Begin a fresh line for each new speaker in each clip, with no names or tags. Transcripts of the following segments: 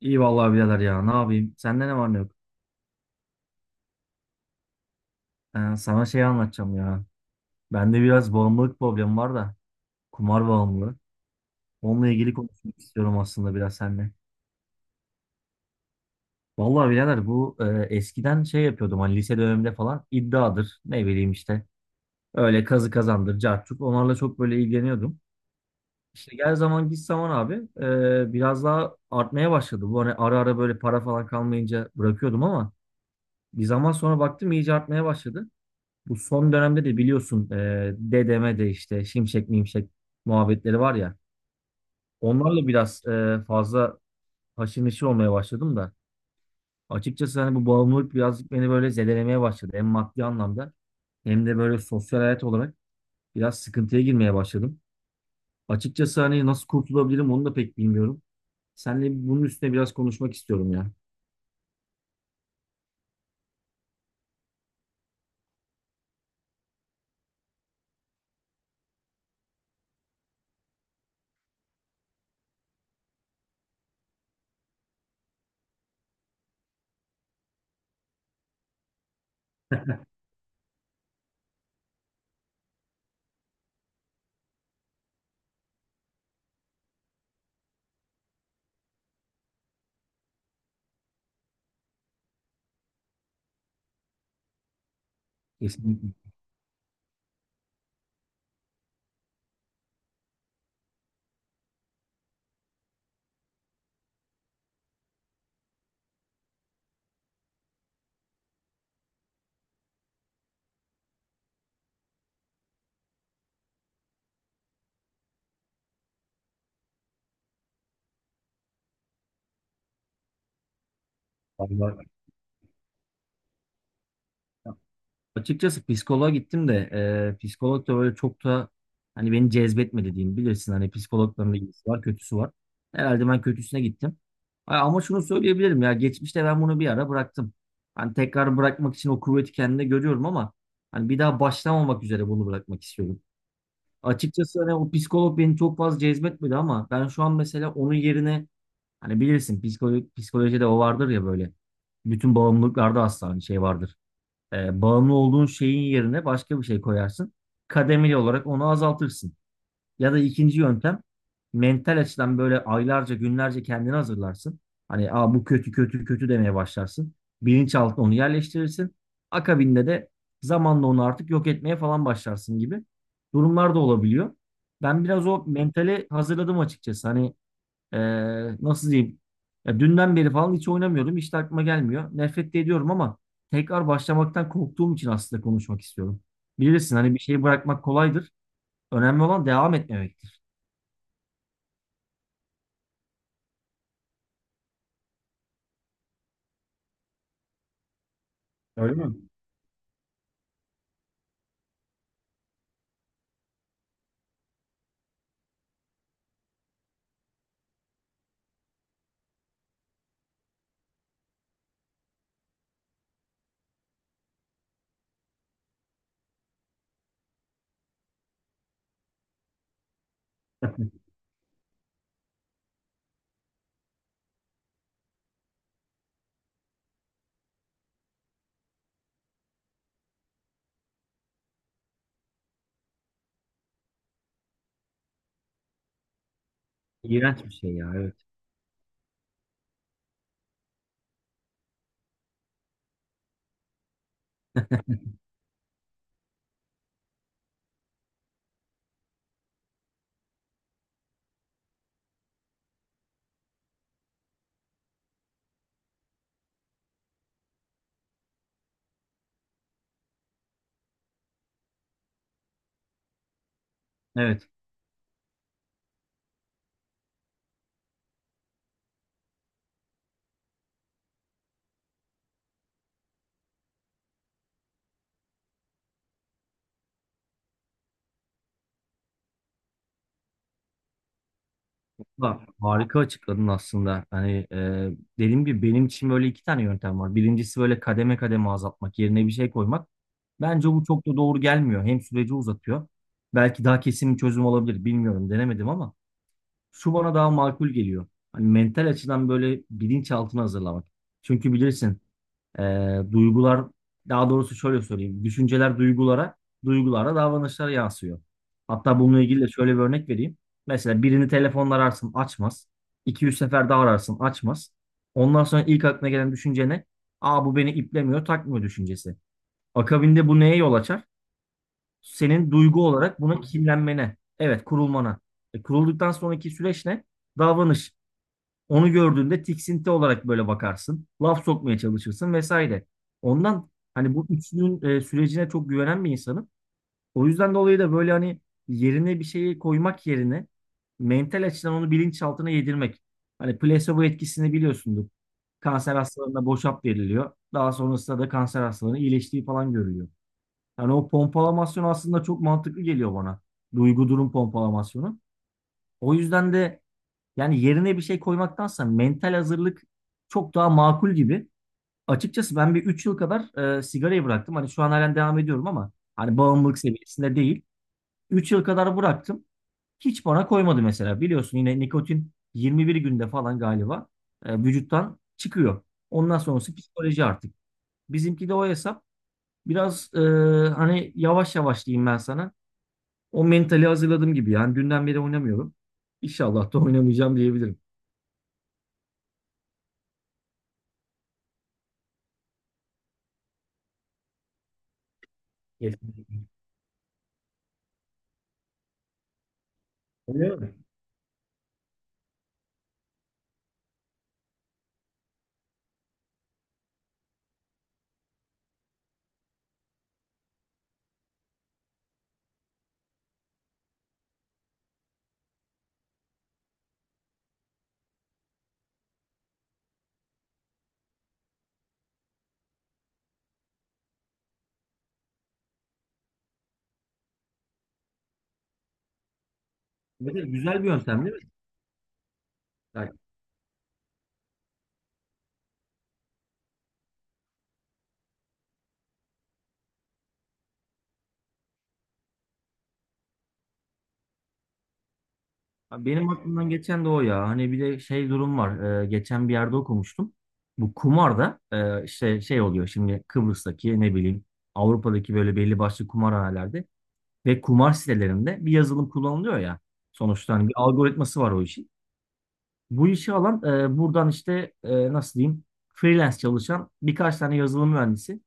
İyi vallahi birader ya ne yapayım? Sende ne var ne yok? Sana şey anlatacağım ya. Bende biraz bağımlılık problemi var da. Kumar bağımlılığı. Onunla ilgili konuşmak istiyorum aslında biraz seninle. Vallahi birader bu eskiden şey yapıyordum hani lise döneminde falan iddiadır. Ne bileyim işte. Öyle kazı kazandır, cartçuk. Onlarla çok böyle ilgileniyordum. İşte gel zaman git zaman abi biraz daha artmaya başladı. Bu hani ara ara böyle para falan kalmayınca bırakıyordum ama bir zaman sonra baktım iyice artmaya başladı. Bu son dönemde de biliyorsun dedeme de işte şimşek mimşek muhabbetleri var ya. Onlarla biraz fazla haşır neşir olmaya başladım da. Açıkçası hani bu bağımlılık birazcık beni böyle zedelemeye başladı. Hem maddi anlamda hem de böyle sosyal hayat olarak biraz sıkıntıya girmeye başladım. Açıkçası hani nasıl kurtulabilirim onu da pek bilmiyorum. Seninle bunun üstüne biraz konuşmak istiyorum ya. Kesinlikle. Açıkçası psikoloğa gittim de psikolog da böyle çok da hani beni cezbetmedi diyeyim. Bilirsin hani psikologların da iyisi var kötüsü var. Herhalde ben kötüsüne gittim. Ha, ama şunu söyleyebilirim ya geçmişte ben bunu bir ara bıraktım. Hani tekrar bırakmak için o kuvveti kendimde görüyorum ama hani bir daha başlamamak üzere bunu bırakmak istiyorum. Açıkçası hani o psikolog beni çok fazla cezbetmedi ama ben şu an mesela onun yerine hani bilirsin psikolojide o vardır ya böyle bütün bağımlılıklarda aslında hani şey vardır. Bağımlı olduğun şeyin yerine başka bir şey koyarsın. Kademeli olarak onu azaltırsın. Ya da ikinci yöntem mental açıdan böyle aylarca günlerce kendini hazırlarsın. Hani aa, bu kötü kötü kötü demeye başlarsın. Bilinçaltına onu yerleştirirsin. Akabinde de zamanla onu artık yok etmeye falan başlarsın gibi durumlar da olabiliyor. Ben biraz o mentale hazırladım açıkçası. Hani ee, nasıl diyeyim? Ya dünden beri falan hiç oynamıyordum. Hiç de aklıma gelmiyor. Nefret de ediyorum ama tekrar başlamaktan korktuğum için aslında konuşmak istiyorum. Bilirsin hani bir şeyi bırakmak kolaydır. Önemli olan devam etmemektir. Öyle mi? İğrenç bir şey ya, evet. Evet. Ha, harika açıkladın aslında. Hani dediğim gibi benim için böyle iki tane yöntem var. Birincisi böyle kademe kademe azaltmak, yerine bir şey koymak. Bence bu çok da doğru gelmiyor. Hem süreci uzatıyor. Belki daha kesin bir çözüm olabilir. Bilmiyorum, denemedim ama. Şu bana daha makul geliyor. Hani mental açıdan böyle bilinçaltını hazırlamak. Çünkü bilirsin duygular, daha doğrusu şöyle söyleyeyim. Düşünceler duygulara, duygulara davranışlara yansıyor. Hatta bununla ilgili de şöyle bir örnek vereyim. Mesela birini telefonla ararsın, açmaz. 200 sefer daha ararsın, açmaz. Ondan sonra ilk aklına gelen düşünce ne? Aa, bu beni iplemiyor, takmıyor düşüncesi. Akabinde bu neye yol açar? Senin duygu olarak buna kinlenmene, evet, kurulmana. Kurulduktan sonraki süreç ne? Davranış. Onu gördüğünde tiksinti olarak böyle bakarsın. Laf sokmaya çalışırsın vesaire. Ondan hani bu üçlünün sürecine çok güvenen bir insanım. O yüzden dolayı da böyle hani yerine bir şeyi koymak yerine mental açıdan onu bilinçaltına yedirmek. Hani placebo etkisini biliyorsundur. Kanser hastalarına boşap veriliyor. Daha sonrasında da kanser hastalarının iyileştiği falan görülüyor. Yani o pompalamasyon aslında çok mantıklı geliyor bana. Duygu durum pompalamasyonu. O yüzden de yani yerine bir şey koymaktansa mental hazırlık çok daha makul gibi. Açıkçası ben bir 3 yıl kadar sigarayı bıraktım. Hani şu an halen devam ediyorum ama hani bağımlılık seviyesinde değil. 3 yıl kadar bıraktım. Hiç bana koymadı mesela. Biliyorsun yine nikotin 21 günde falan galiba vücuttan çıkıyor. Ondan sonrası psikoloji artık. Bizimki de o hesap. Biraz hani yavaş yavaş diyeyim ben sana. O mentali hazırladım gibi. Yani dünden beri oynamıyorum. İnşallah da oynamayacağım diyebilirim. Kesinlikle. Öyle mi? Evet, evet, güzel bir yöntem değil mi? Yani benim aklımdan geçen de o ya. Hani bir de şey durum var. Geçen bir yerde okumuştum. Bu kumarda işte şey oluyor şimdi. Kıbrıs'taki ne bileyim Avrupa'daki böyle belli başlı kumarhanelerde ve kumar sitelerinde bir yazılım kullanılıyor ya. Sonuçta hani bir algoritması var o işin. Bu işi alan, buradan işte, nasıl diyeyim, freelance çalışan birkaç tane yazılım mühendisi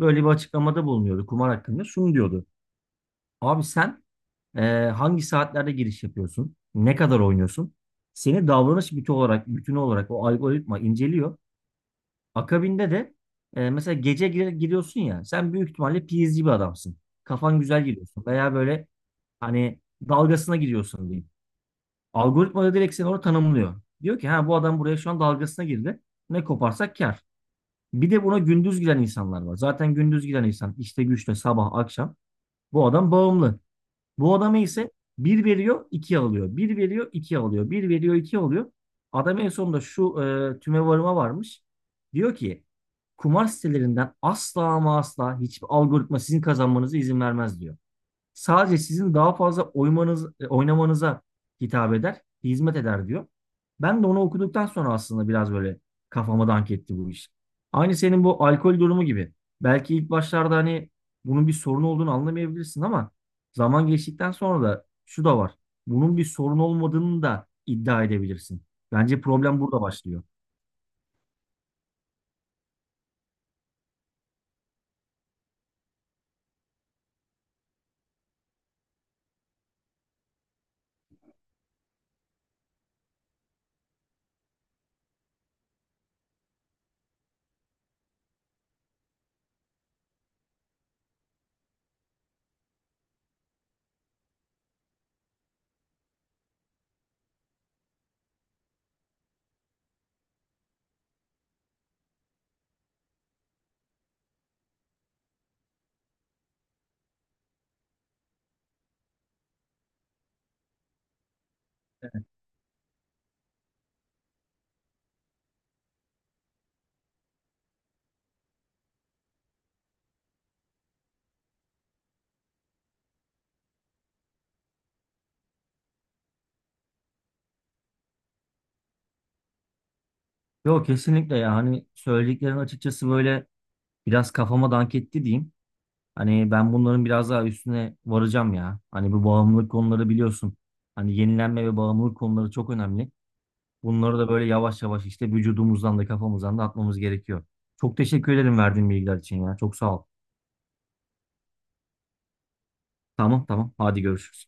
böyle bir açıklamada bulunuyordu kumar hakkında. Şunu diyordu. Abi sen Ee, hangi saatlerde giriş yapıyorsun? Ne kadar oynuyorsun? Seni davranış bütün olarak, bütün olarak o algoritma inceliyor. Akabinde de mesela gece giriyorsun ya, sen büyük ihtimalle PSG bir adamsın. Kafan güzel giriyorsun veya böyle hani dalgasına giriyorsun diyeyim. Algoritma da direkt seni orada tanımlıyor. Diyor ki ha, bu adam buraya şu an dalgasına girdi. Ne koparsak kar. Bir de buna gündüz giren insanlar var. Zaten gündüz giren insan işte güçle sabah akşam. Bu adam bağımlı. Bu adama ise bir veriyor 2 alıyor. Bir veriyor 2 alıyor. Bir veriyor 2 alıyor. Adam en sonunda şu tümevarıma varmış. Diyor ki kumar sitelerinden asla ama asla hiçbir algoritma sizin kazanmanıza izin vermez diyor. Sadece sizin daha fazla oymanız, oynamanıza hitap eder, hizmet eder diyor. Ben de onu okuduktan sonra aslında biraz böyle kafama dank etti bu iş. Aynı senin bu alkol durumu gibi. Belki ilk başlarda hani bunun bir sorun olduğunu anlamayabilirsin ama zaman geçtikten sonra da şu da var. Bunun bir sorun olmadığını da iddia edebilirsin. Bence problem burada başlıyor. Yok, kesinlikle. Yani söylediklerin açıkçası böyle biraz kafama dank etti diyeyim. Hani ben bunların biraz daha üstüne varacağım ya. Hani bu bağımlılık konuları biliyorsun. Hani yenilenme ve bağımlılık konuları çok önemli. Bunları da böyle yavaş yavaş işte vücudumuzdan da kafamızdan da atmamız gerekiyor. Çok teşekkür ederim verdiğin bilgiler için ya. Çok sağ ol. Tamam, tamam. Hadi görüşürüz.